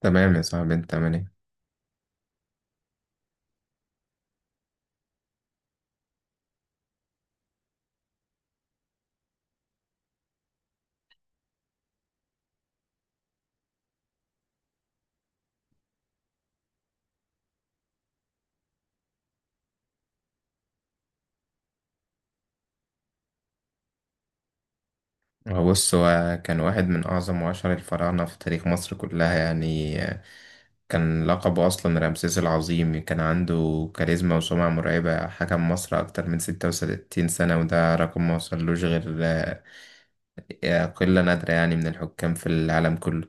تمام يا صاحبي انت عامل ايه؟ بص هو كان واحد من اعظم واشهر الفراعنه في تاريخ مصر كلها يعني. كان لقبه اصلا رمسيس العظيم، كان عنده كاريزما وسمعه مرعبه، حكم مصر اكتر من 36 سنه وده رقم ما وصلوش غير قله نادره يعني من الحكام في العالم كله.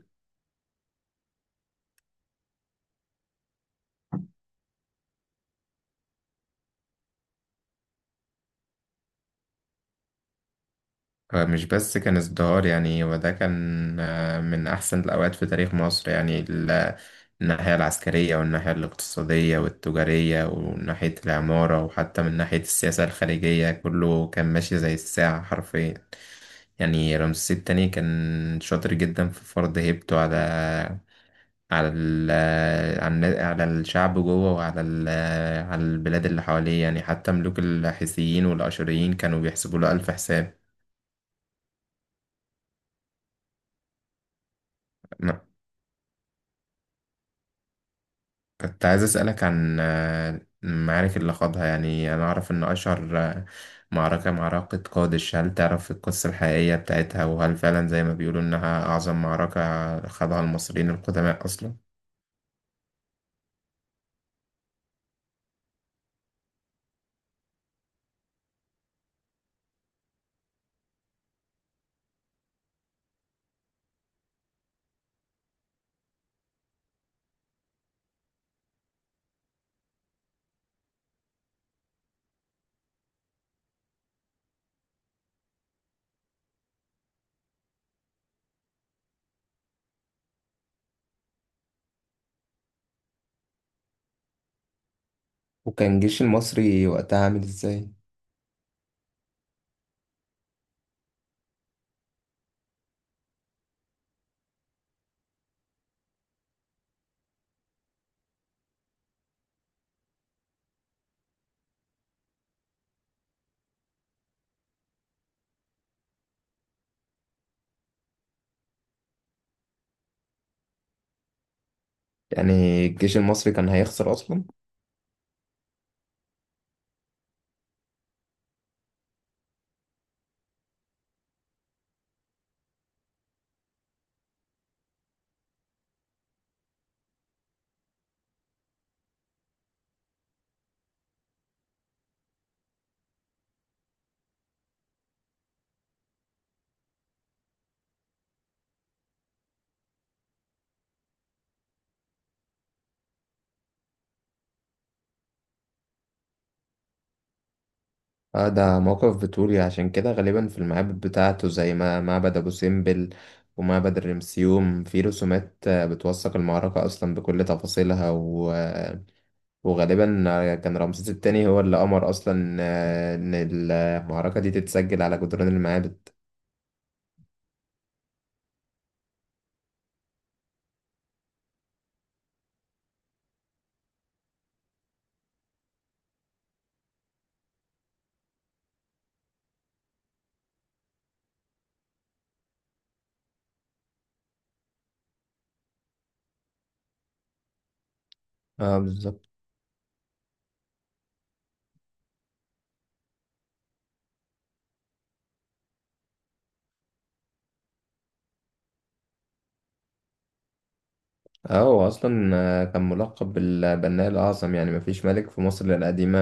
فمش بس كان ازدهار يعني، وده كان من أحسن الأوقات في تاريخ مصر يعني. الناحية العسكرية والناحية الاقتصادية والتجارية وناحية العمارة وحتى من ناحية السياسة الخارجية كله كان ماشي زي الساعة حرفيا. يعني رمسيس التاني كان شاطر جدا في فرض هيبته على ال على الشعب جوه وعلى ال على البلاد اللي حواليه، يعني حتى ملوك الحيثيين والأشوريين كانوا بيحسبوا له ألف حساب. كنت عايز أسألك عن المعارك اللي خاضها، يعني أنا أعرف إن أشهر معركة قادش. هل تعرف القصة الحقيقية بتاعتها، وهل فعلا زي ما بيقولوا إنها أعظم معركة خاضها المصريين القدماء أصلا؟ وكان الجيش المصري وقتها عامل ازاي؟ يعني الجيش المصري كان هيخسر أصلا؟ آه، ده موقف بتقولي عشان كده غالبا في المعابد بتاعته، زي ما معبد أبو سمبل ومعبد الرمسيوم، في رسومات بتوثق المعركة أصلا بكل تفاصيلها، وغالبا كان رمسيس التاني هو اللي أمر أصلا إن المعركة دي تتسجل على جدران المعابد. اه، بالظبط. اه، هو اصلا كان ملقب بالبناء الاعظم، يعني مفيش ملك في مصر القديمه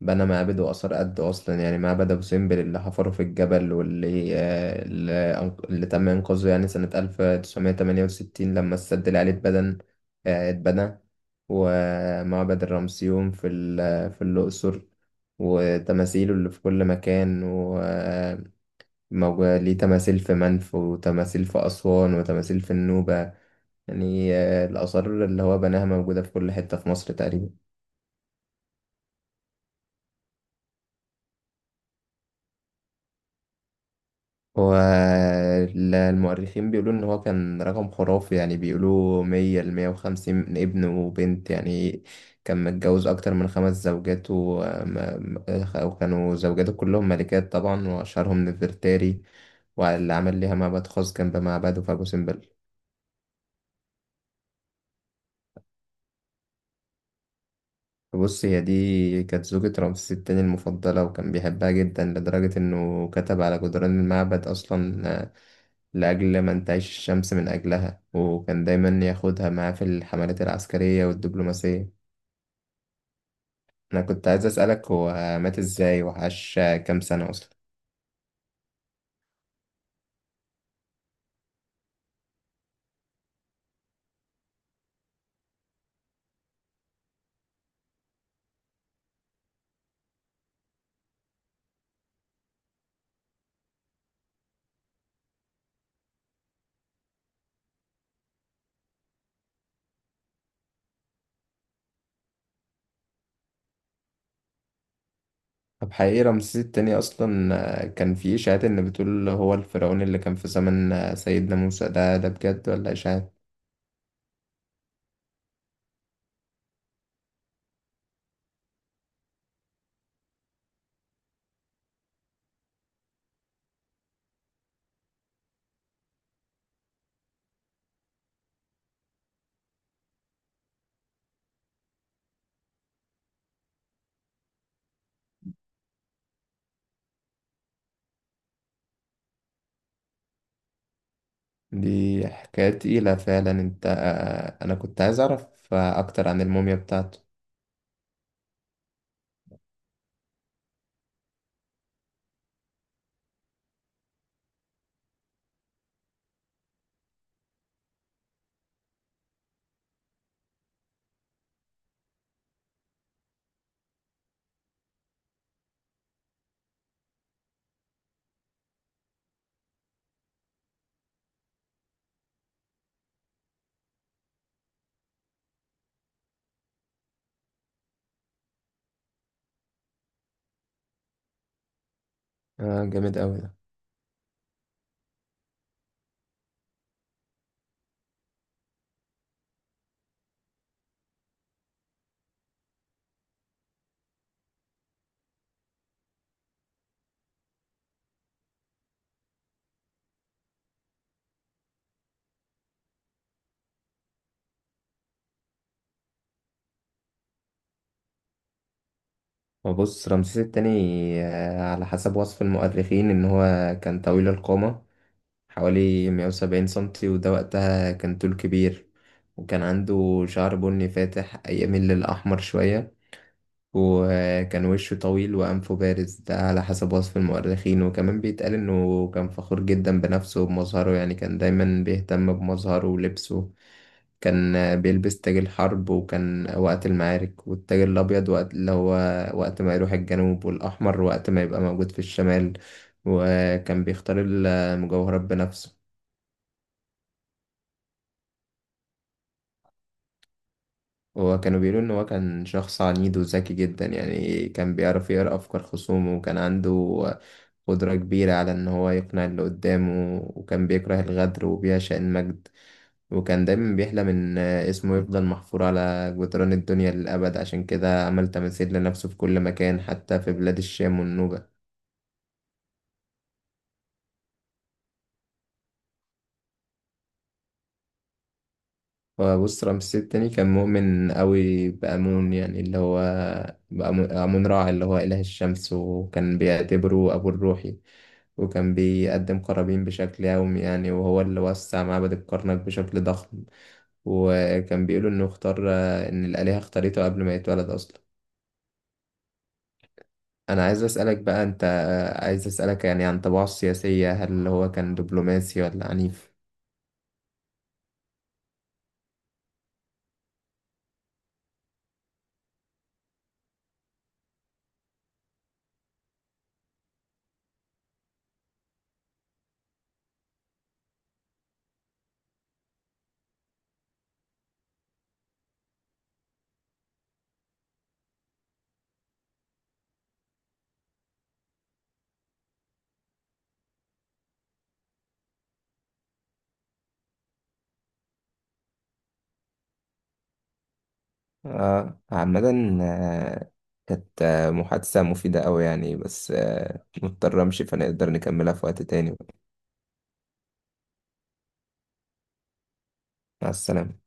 بنى معابد واثار قد اصلا. يعني معبد ابو سمبل اللي حفره في الجبل، واللي آه، اللي أنق- اللي تم انقاذه يعني سنه 1968 لما السد العالي اتبنى. ومعبد الرمسيوم في الاقصر، وتماثيله اللي في كل مكان وموجود ليه تماثيل في منف وتماثيل في أسوان وتماثيل في النوبة. يعني الآثار اللي هو بناها موجودة في كل حتة في مصر تقريبا. هو المؤرخين بيقولوا إن هو كان رقم خرافي، يعني بيقولوا مية لمية وخمسين ابن وبنت يعني. كان متجوز أكتر من خمس زوجات وكانوا زوجاته كلهم ملكات طبعا، وأشهرهم نفرتاري، واللي عمل ليها معبد خاص جنب معبده في أبو سمبل. بص، هي دي كانت زوجة رمسيس التاني المفضلة، وكان بيحبها جدا لدرجة إنه كتب على جدران المعبد أصلا لأجل ما انتعش الشمس من أجلها، وكان دايما ياخدها معاه في الحملات العسكرية والدبلوماسية. أنا كنت عايز أسألك، هو مات إزاي وعاش كام سنة أصلا؟ طب حقيقي رمسيس التاني أصلا كان في إشاعات إن بتقول هو الفرعون اللي كان في زمن سيدنا موسى؟ ده بجد ولا إشاعات؟ دي حكاية تقيلة فعلا. أنت آه، أنا كنت عايز أعرف أكتر عن الموميا بتاعته. جامد أوي ده. وبص، رمسيس التاني على حسب وصف المؤرخين إن هو كان طويل القامة، حوالي 170 سنتي، وده وقتها كان طول كبير. وكان عنده شعر بني فاتح يميل للأحمر شوية، وكان وشه طويل وأنفه بارز، ده على حسب وصف المؤرخين. وكمان بيتقال إنه كان فخور جدا بنفسه وبمظهره، يعني كان دايما بيهتم بمظهره ولبسه. كان بيلبس تاج الحرب وكان وقت المعارك، والتاج الأبيض وقت اللي هو وقت ما يروح الجنوب، والأحمر وقت ما يبقى موجود في الشمال، وكان بيختار المجوهرات بنفسه. وكانوا بيقولوا إن هو كان شخص عنيد وذكي جدا، يعني كان بيعرف يقرأ أفكار خصومه، وكان عنده قدرة كبيرة على إن هو يقنع اللي قدامه، وكان بيكره الغدر وبيعشق المجد، وكان دايما بيحلم إن اسمه يفضل محفور على جدران الدنيا للأبد، عشان كده عمل تماثيل لنفسه في كل مكان حتى في بلاد الشام والنوبة. وبص، رمسيس التاني كان مؤمن أوي بأمون، يعني اللي هو أمون رع اللي هو إله الشمس، وكان بيعتبره أبو الروحي، وكان بيقدم قرابين بشكل يومي يعني، وهو اللي وسع معبد الكرنك بشكل ضخم. وكان بيقولوا إنه اختار إن الآلهة اختارته قبل ما يتولد أصلا. انا عايز اسالك بقى انت عايز اسالك يعني عن طباعه السياسيه، هل هو كان دبلوماسي ولا عنيف؟ آه، عامة آه، كانت محادثة مفيدة أوي يعني، بس مضطر أمشي، فنقدر نكملها في وقت تاني. مع السلامة.